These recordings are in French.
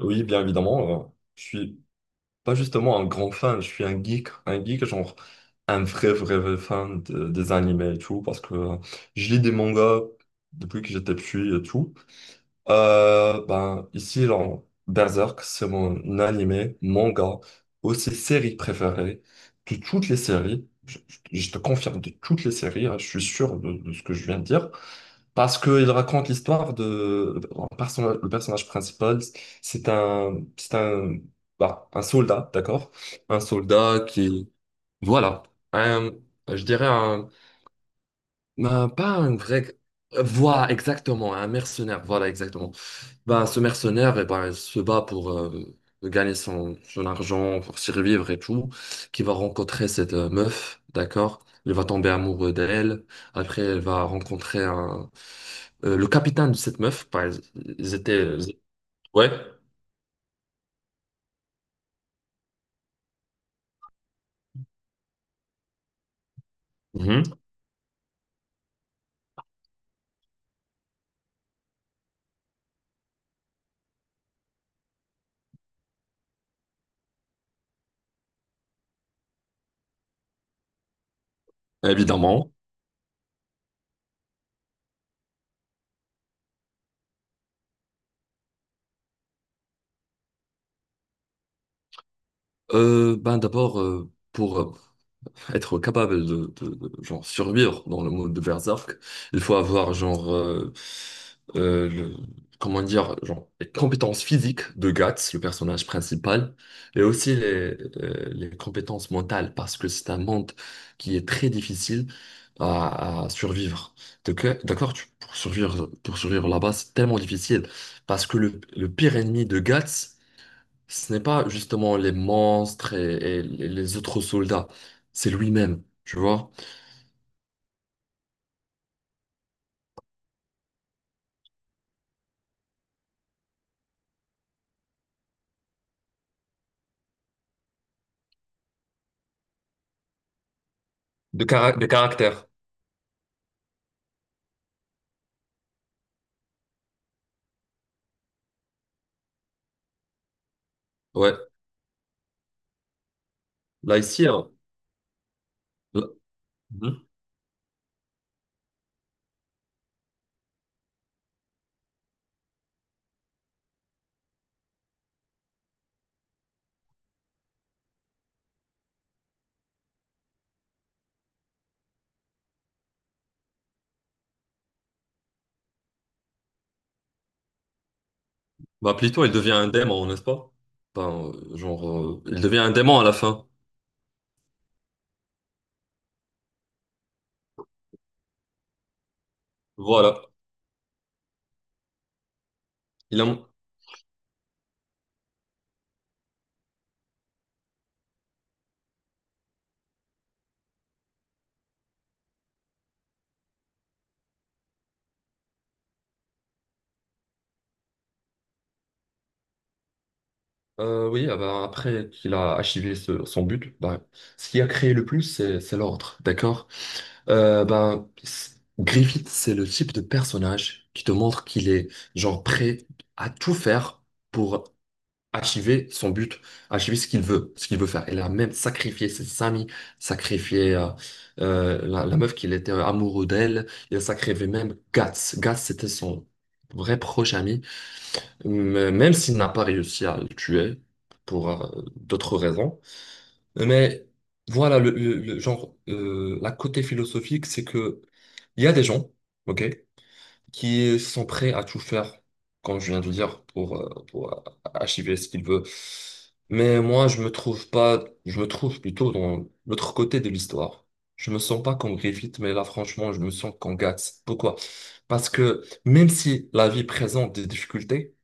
Oui, bien évidemment. Je suis pas justement un grand fan, je suis un geek genre un vrai fan des animés et tout parce que je lis des mangas depuis que j'étais petit et tout. Ici, dans Berserk, c'est mon animé, manga, aussi série préférée de toutes les séries. Je te confirme de toutes les séries, hein, je suis sûr de ce que je viens de dire. Parce qu'il raconte l'histoire de... Le personnage principal, c'est un, bah, un soldat, d'accord? Un soldat qui... Voilà. Un- je dirais un... pas un vrai... Voilà, exactement, un mercenaire, voilà, exactement. Bah, ce mercenaire, eh ben, il se bat pour gagner son argent, pour survivre et tout, qui va rencontrer cette meuf, d'accord? Il va tomber amoureux d'elle. Après, elle va rencontrer le capitaine de cette meuf. Ils étaient... Ouais, mhm, évidemment. Ben d'abord, pour être capable de, genre, survivre dans le monde de Berserk, il faut avoir, genre, euh, le- comment dire, genre, les compétences physiques de Guts, le personnage principal, et aussi les compétences mentales, parce que c'est un monde qui est très difficile à survivre. Donc, d'accord, pour survivre là-bas, c'est tellement difficile, parce que le pire ennemi de Guts, ce n'est pas justement les monstres et les autres soldats, c'est lui-même, tu vois. De, de caractère. Ouais, là ici, hein, là- mhm, bah plutôt il devient un démon, n'est-ce pas? Enfin, il devient un démon à la fin. Voilà. Il a, oui, ah bah, après qu'il a achevé son but, bah, ce qui a créé le plus, c'est l'ordre, d'accord? Euh, bah, c- Griffith, c'est le type de personnage qui te montre qu'il est genre prêt à tout faire pour achiver son but, achiver ce qu'il veut faire. Elle a même sacrifié ses amis, sacrifié la meuf qu'il était amoureux d'elle, il a sacrifié même Guts. Guts, c'était son vrai proche ami, mais même s'il n'a pas réussi à le tuer pour d'autres raisons. Mais voilà, le genre, la côté philosophique, c'est que il y a des gens, ok, qui sont prêts à tout faire, comme je viens de dire, pour, achever ce qu'il veut. Mais moi, je me trouve pas, je me trouve plutôt dans l'autre côté de l'histoire. Je me sens pas comme Griffith, mais là, franchement, je me sens comme Guts. Pourquoi? Parce que même si la vie présente des difficultés,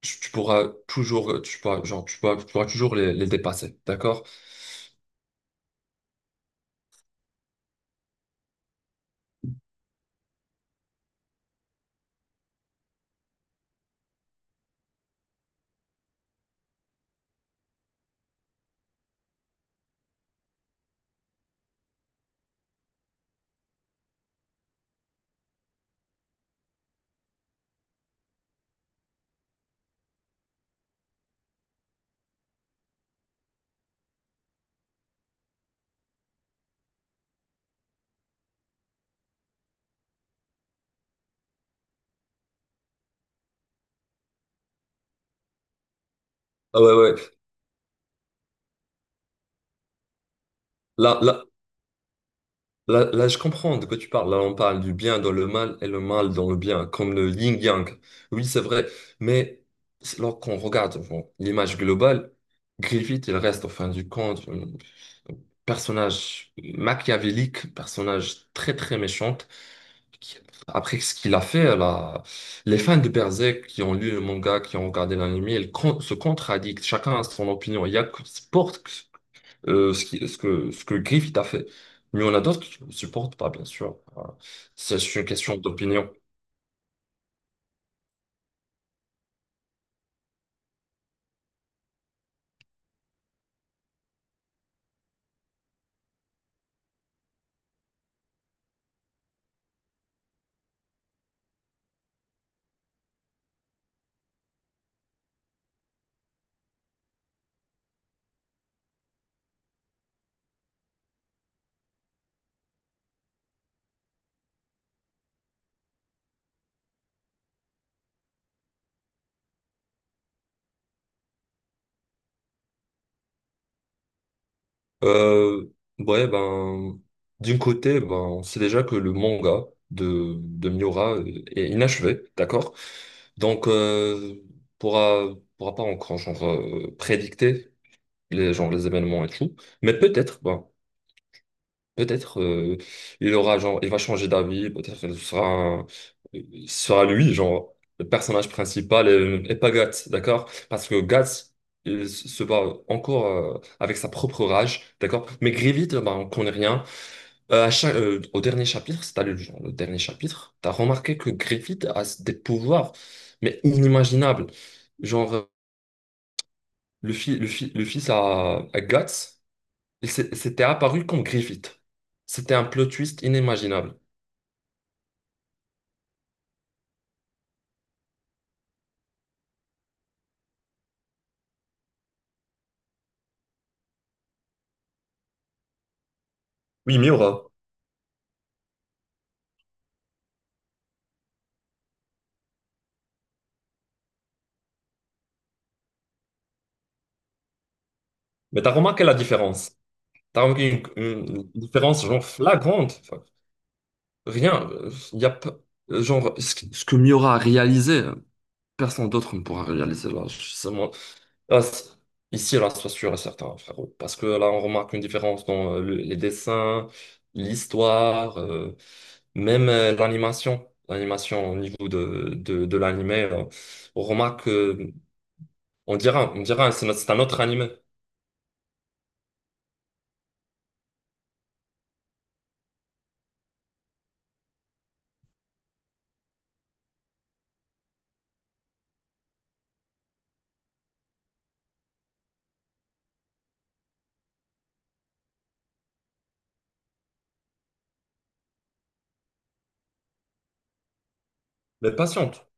tu pourras toujours, tu pourras, genre, tu pourras toujours les dépasser, d'accord? Ah ouais, ouais. Là, là, là, je comprends de quoi tu parles. Là, on parle du bien dans le mal et le mal dans le bien, comme le yin-yang. Oui, c'est vrai. Mais lorsqu'on regarde bon, l'image globale, Griffith, il reste, en fin du compte, un personnage machiavélique, personnage très, très méchant. qui- Après ce qu'il a fait, là, les fans de Berserk qui ont lu le manga, qui ont regardé l'anime, se contradictent. Chacun a son opinion. Il y a que Sport ce que Griffith a fait. Mais il y en a d'autres qui ne supportent pas, bien sûr. Voilà. C'est une question d'opinion. Euh, ouais, ben, D'un côté, ben, on sait déjà que le manga de Miura est inachevé, d'accord? Donc, pourra, pourra pas encore prédicter les événements et tout. Mais peut-être il aura genre il va changer d'avis, peut-être il sera lui genre le personnage principal et pas Guts, d'accord? Parce que Guts se bat encore avec sa propre rage, d'accord? Mais Grievous, bah, on connaît rien. Au dernier chapitre, si t'as lu genre, le dernier chapitre, t'as remarqué que Griffith a des pouvoirs mais inimaginables. Genre euh, le fils le fils à Guts, s'était apparu comme Griffith. C'était un plot twist inimaginable. Oui, Miura. Mais t'as remarqué la différence? T'as remarqué une différence genre flagrante. Enfin, rien. Il y a pas- Genre ce que Miura a réalisé, personne d'autre ne pourra réaliser là. Je- c'est moi- là, c'est- Ici, là, sois sûr et certain, frérot. Parce que là, on remarque une différence dans les dessins, l'histoire, même l'animation. L'animation au niveau de l'animé, là. on remarque, euh, on dira, on dira, c'est no- c'est un autre animé. Mais patiente.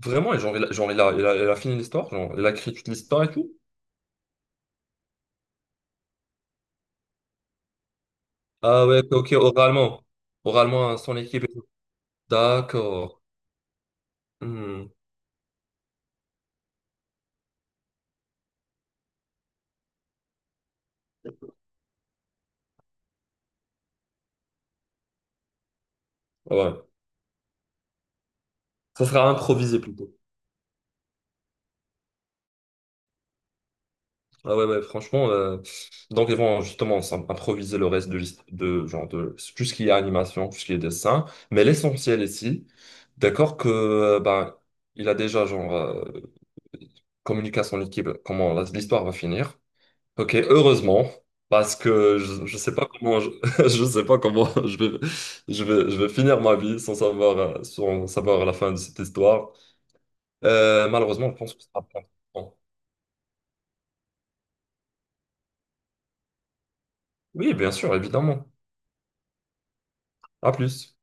Vraiment, et il a fini l'histoire, genre, il a écrit toute l'histoire et tout. Ah ouais, ok, ok, oralement. Oralement à son équipe et tout. D'accord. Hmm, ah ouais. Ça sera improvisé plutôt. Ah ouais, ouais, franchement. Donc ils vont justement improviser le reste de, de genre de tout ce qui est animation, tout ce qui est dessin. Mais l'essentiel ici, d'accord, il a déjà communiqué à son équipe comment l'histoire va finir. Ok, heureusement, parce que je sais pas comment je, je sais pas comment je vais finir ma vie sans savoir sans savoir la fin de cette histoire. Malheureusement, je pense que ça va prendre. Oui, bien sûr, évidemment. À plus.